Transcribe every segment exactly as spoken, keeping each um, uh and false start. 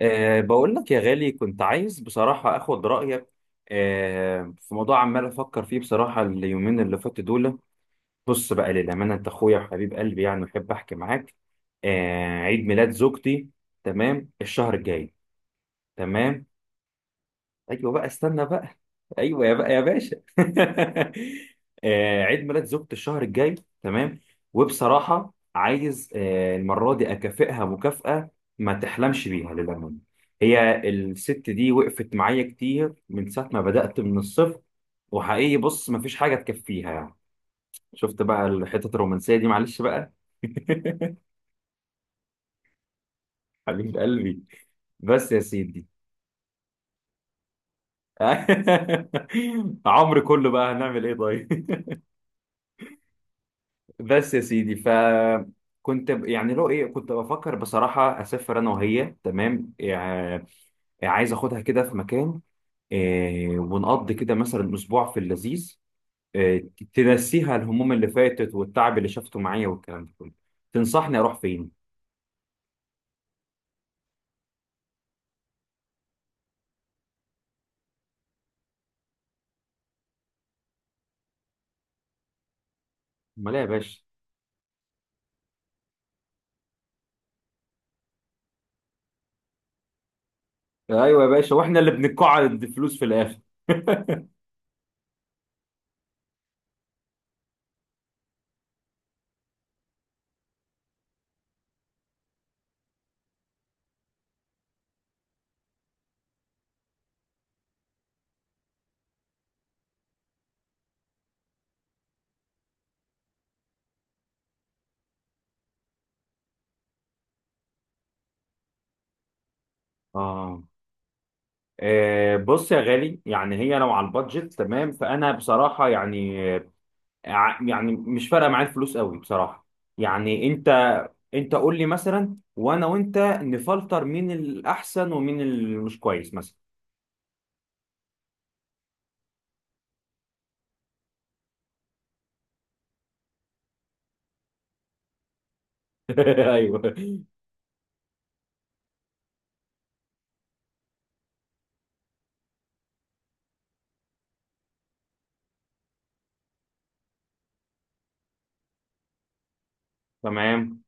أه بقول لك يا غالي، كنت عايز بصراحة أخد رأيك أه في موضوع عمال أفكر فيه بصراحة اليومين اللي فاتوا دول. بص بقى للأمانة، أنت أخويا وحبيب قلبي، يعني أحب أحكي معاك. أه عيد ميلاد زوجتي. تمام، الشهر الجاي. تمام. ايوه بقى، استنى بقى. ايوه يا بقى يا باشا آه، عيد ميلاد زوجتي الشهر الجاي. تمام. وبصراحه عايز آه، المره دي اكافئها مكافاه ما تحلمش بيها للامانه. هي الست دي وقفت معايا كتير من ساعه ما بدات من الصفر. وحقيقي، بص، ما فيش حاجه تكفيها يعني. شفت بقى الحتة الرومانسيه دي، معلش بقى. حبيب قلبي. بس يا سيدي. عمري كله بقى، هنعمل ايه طيب. بس يا سيدي، فكنت ب- يعني لو ايه، كنت بفكر بصراحة اسافر انا وهي تمام يعني. عايز اخدها كده في مكان، إيه، ونقضي كده مثلا اسبوع في اللذيذ، إيه، تنسيها الهموم اللي فاتت والتعب اللي شافته معايا والكلام ده كله. تنصحني اروح فين؟ امال إيه يا باشا. ايوه يا باشا، واحنا اللي بنقعد فلوس في الاخر. آه، آه، بص يا غالي، يعني هي لو على البادجت تمام فأنا بصراحة يعني ع- يعني مش فارقه معايا الفلوس قوي بصراحه، يعني انت انت قول لي مثلا، وانا وانت نفلتر مين الاحسن ومين اللي مش كويس مثلا. ايوه. تمام.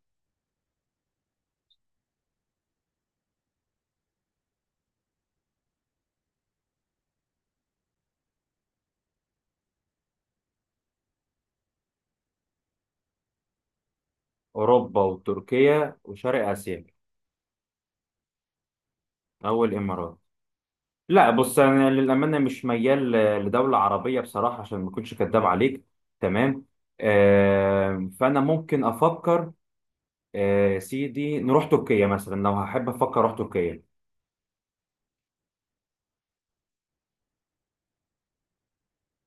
اوروبا وتركيا وشرق اسيا، او الامارات. لا، بص انا للامانه مش ميال ل- لدوله عربيه بصراحه، عشان ما اكونش كداب عليك. تمام. آه فانا ممكن افكر، آه سيدي، نروح تركيا مثلا، لو هحب افكر اروح تركيا.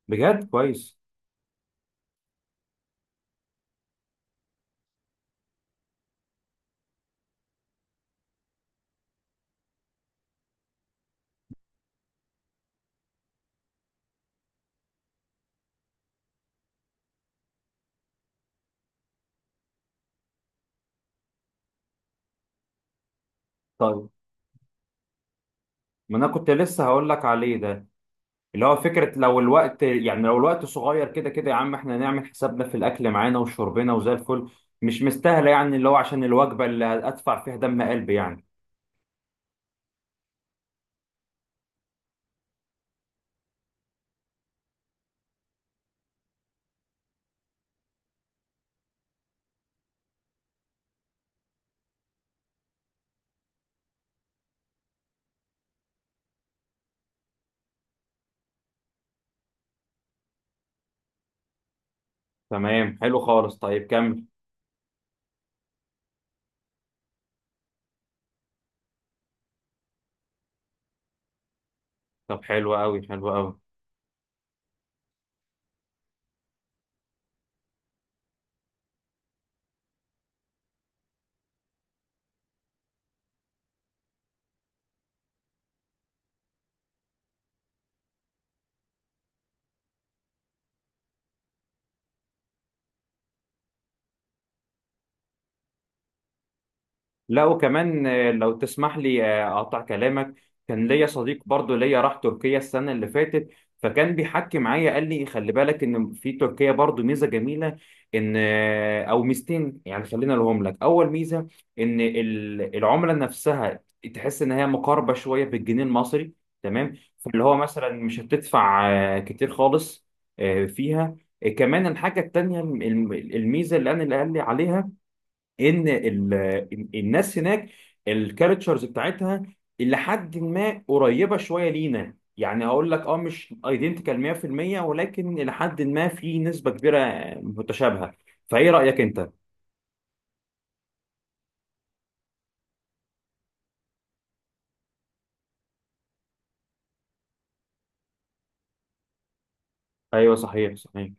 بجد كويس. طيب، ما انا كنت لسه هقول لك عليه ده، اللي هو فكره لو الوقت، يعني لو الوقت صغير كده، كده يا عم احنا نعمل حسابنا في الاكل معانا وشربنا وزي الفل. مش مستاهله يعني، اللي هو عشان الوجبه اللي ادفع فيها دم قلبي يعني. تمام، حلو خالص، طيب كمل. طب حلو قوي حلو قوي. لا وكمان، آه، لو تسمح لي، آه، اقطع كلامك. كان ليا صديق برضو ليا راح تركيا السنه اللي فاتت، فكان بيحكي معايا قال لي خلي بالك ان في تركيا برضو ميزه جميله. ان آه، او ميزتين، يعني خلينا لهم لك اول ميزه. ان ال- العمله نفسها تحس ان هي مقاربه شويه بالجنيه المصري. تمام، فاللي هو مثلا مش هتدفع آه، كتير خالص آه، فيها. آه، كمان الحاجه التانيه الم- الم- الميزه اللي انا اللي قال لي عليها، ان ال ال- الناس هناك، الكاركترز بتاعتها الى حد ما قريبه شويه لينا، يعني اقول لك، اه مش ايدنتيكال مية بالمية، ولكن الى حد ما في نسبه كبيره متشابهه. فايه رايك انت؟ ايوه، صحيح صحيح.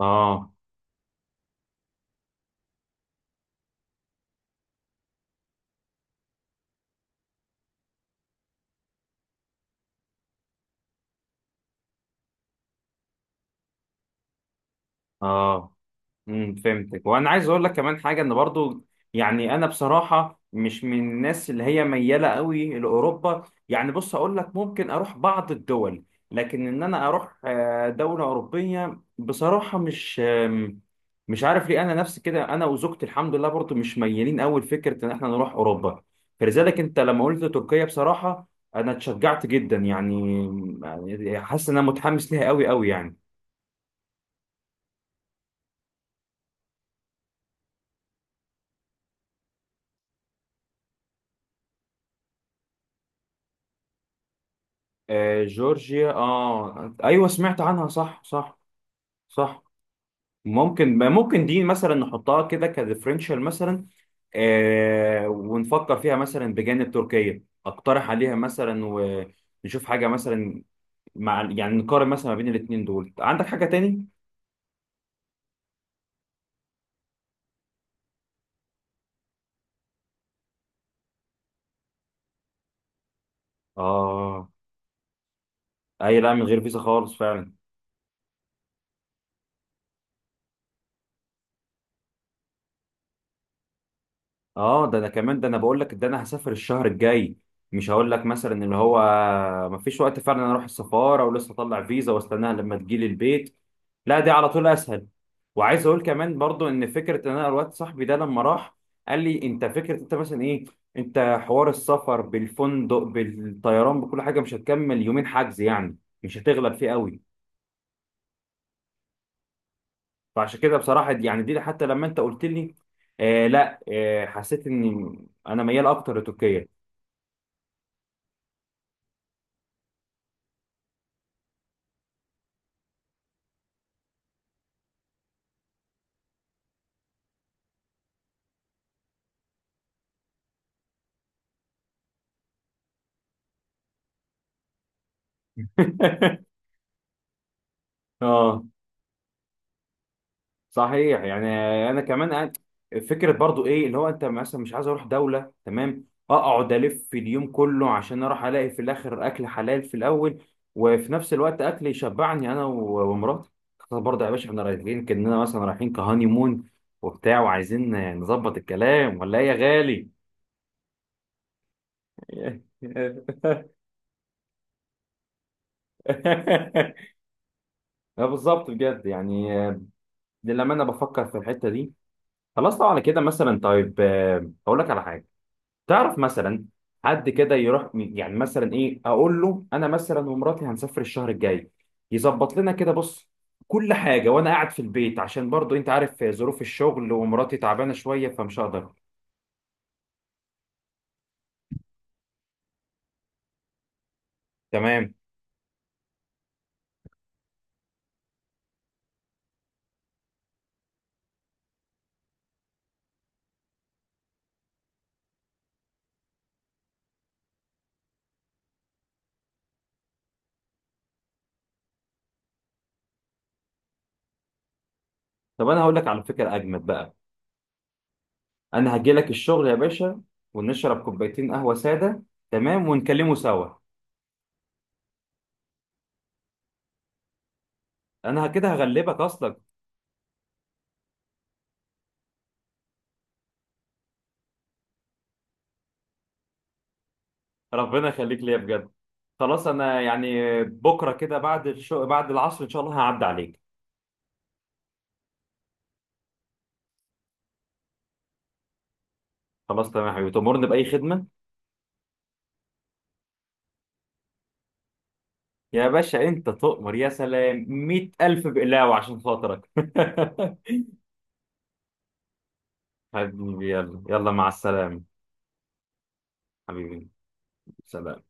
اه، اه، امم فهمتك. وانا عايز اقول لك كمان حاجه، ان برضو يعني انا بصراحه مش من الناس اللي هي مياله قوي لاوروبا، يعني بص اقول لك، ممكن اروح بعض الدول، لكن ان انا اروح آه، دوله اوروبيه بصراحه، مش آم، مش عارف ليه، انا نفسي كده انا وزوجتي الحمد لله برضو مش ميالين قوي لفكره ان احنا نروح اوروبا. فلذلك انت لما قلت تركيا، بصراحه انا اتشجعت جدا يعني، يعني حاسس ان انا متحمس ليها قوي قوي يعني. آه، جورجيا، اه ايوه، سمعت عنها، صح صح. صح. ممكن ممكن دي مثلا نحطها كده كديفرنشال مثلا. آه ونفكر فيها مثلا بجانب تركيا، اقترح عليها مثلا ونشوف حاجه مثلا مع، يعني نقارن مثلا ما بين الاثنين دول. عندك حاجه تاني؟ اه، اي، لا، من غير فيزا خالص فعلا. اه، ده انا كمان، ده انا بقول لك، ده انا هسافر الشهر الجاي. مش هقول لك مثلا اللي هو، مفيش وقت فعلا. أنا اروح السفاره ولسه اطلع فيزا واستناها لما تجيلي البيت؟ لا، دي على طول اسهل. وعايز اقول كمان برضو، ان فكره ان انا الواد صاحبي ده لما راح قال لي انت فكره انت مثلا ايه، انت حوار السفر بالفندق بالطيران بكل حاجه مش هتكمل يومين حجز يعني، مش هتغلب فيه قوي. فعشان كده بصراحه، دي يعني دي حتى لما انت قلت لي آه لا، آه حسيت اني انا ميال اكتر لتركيا. اه صحيح يعني. انا كمان أ- فكره برضو ايه، اللي هو انت مثلا مش عايز اروح دوله تمام، اقعد الف في اليوم كله عشان اروح الاقي في الاخر اكل حلال في الاول، وفي نفس الوقت اكل يشبعني انا و- ومراتي. خلاص برضه يا باشا، احنا رايحين كاننا مثلا رايحين كهاني مون وبتاع، وعايزين نظبط الكلام ولا ايه يا غالي؟ اه، بالظبط بجد، يعني آه، لما انا بفكر في الحته دي خلاص، طبعا كده مثلا. طيب، آه، اقول لك على حاجه. تعرف مثلا حد كده يروح، يعني مثلا ايه، اقول له انا مثلا ومراتي هنسافر الشهر الجاي، يظبط لنا كده، بص، كل حاجه، وانا قاعد في البيت؟ عشان برضو انت عارف ظروف الشغل ومراتي تعبانه شويه، فمش هقدر. تمام. طب انا هقول لك على فكره اجمد بقى، انا هجي لك الشغل يا باشا، ونشرب كوبايتين قهوه ساده. تمام، ونكلمه سوا. انا كده هغلبك اصلا. ربنا يخليك ليا بجد. خلاص، انا يعني بكره كده بعد الشغل بعد العصر ان شاء الله هعدي عليك. خلاص تمام يا حبيبي، تأمرني بأي خدمة. يا باشا أنت تؤمر، يا سلام، مئة ألف بقلاوة عشان خاطرك. حبيبي يلا يلا، مع السلامة. حبيبي. سلام.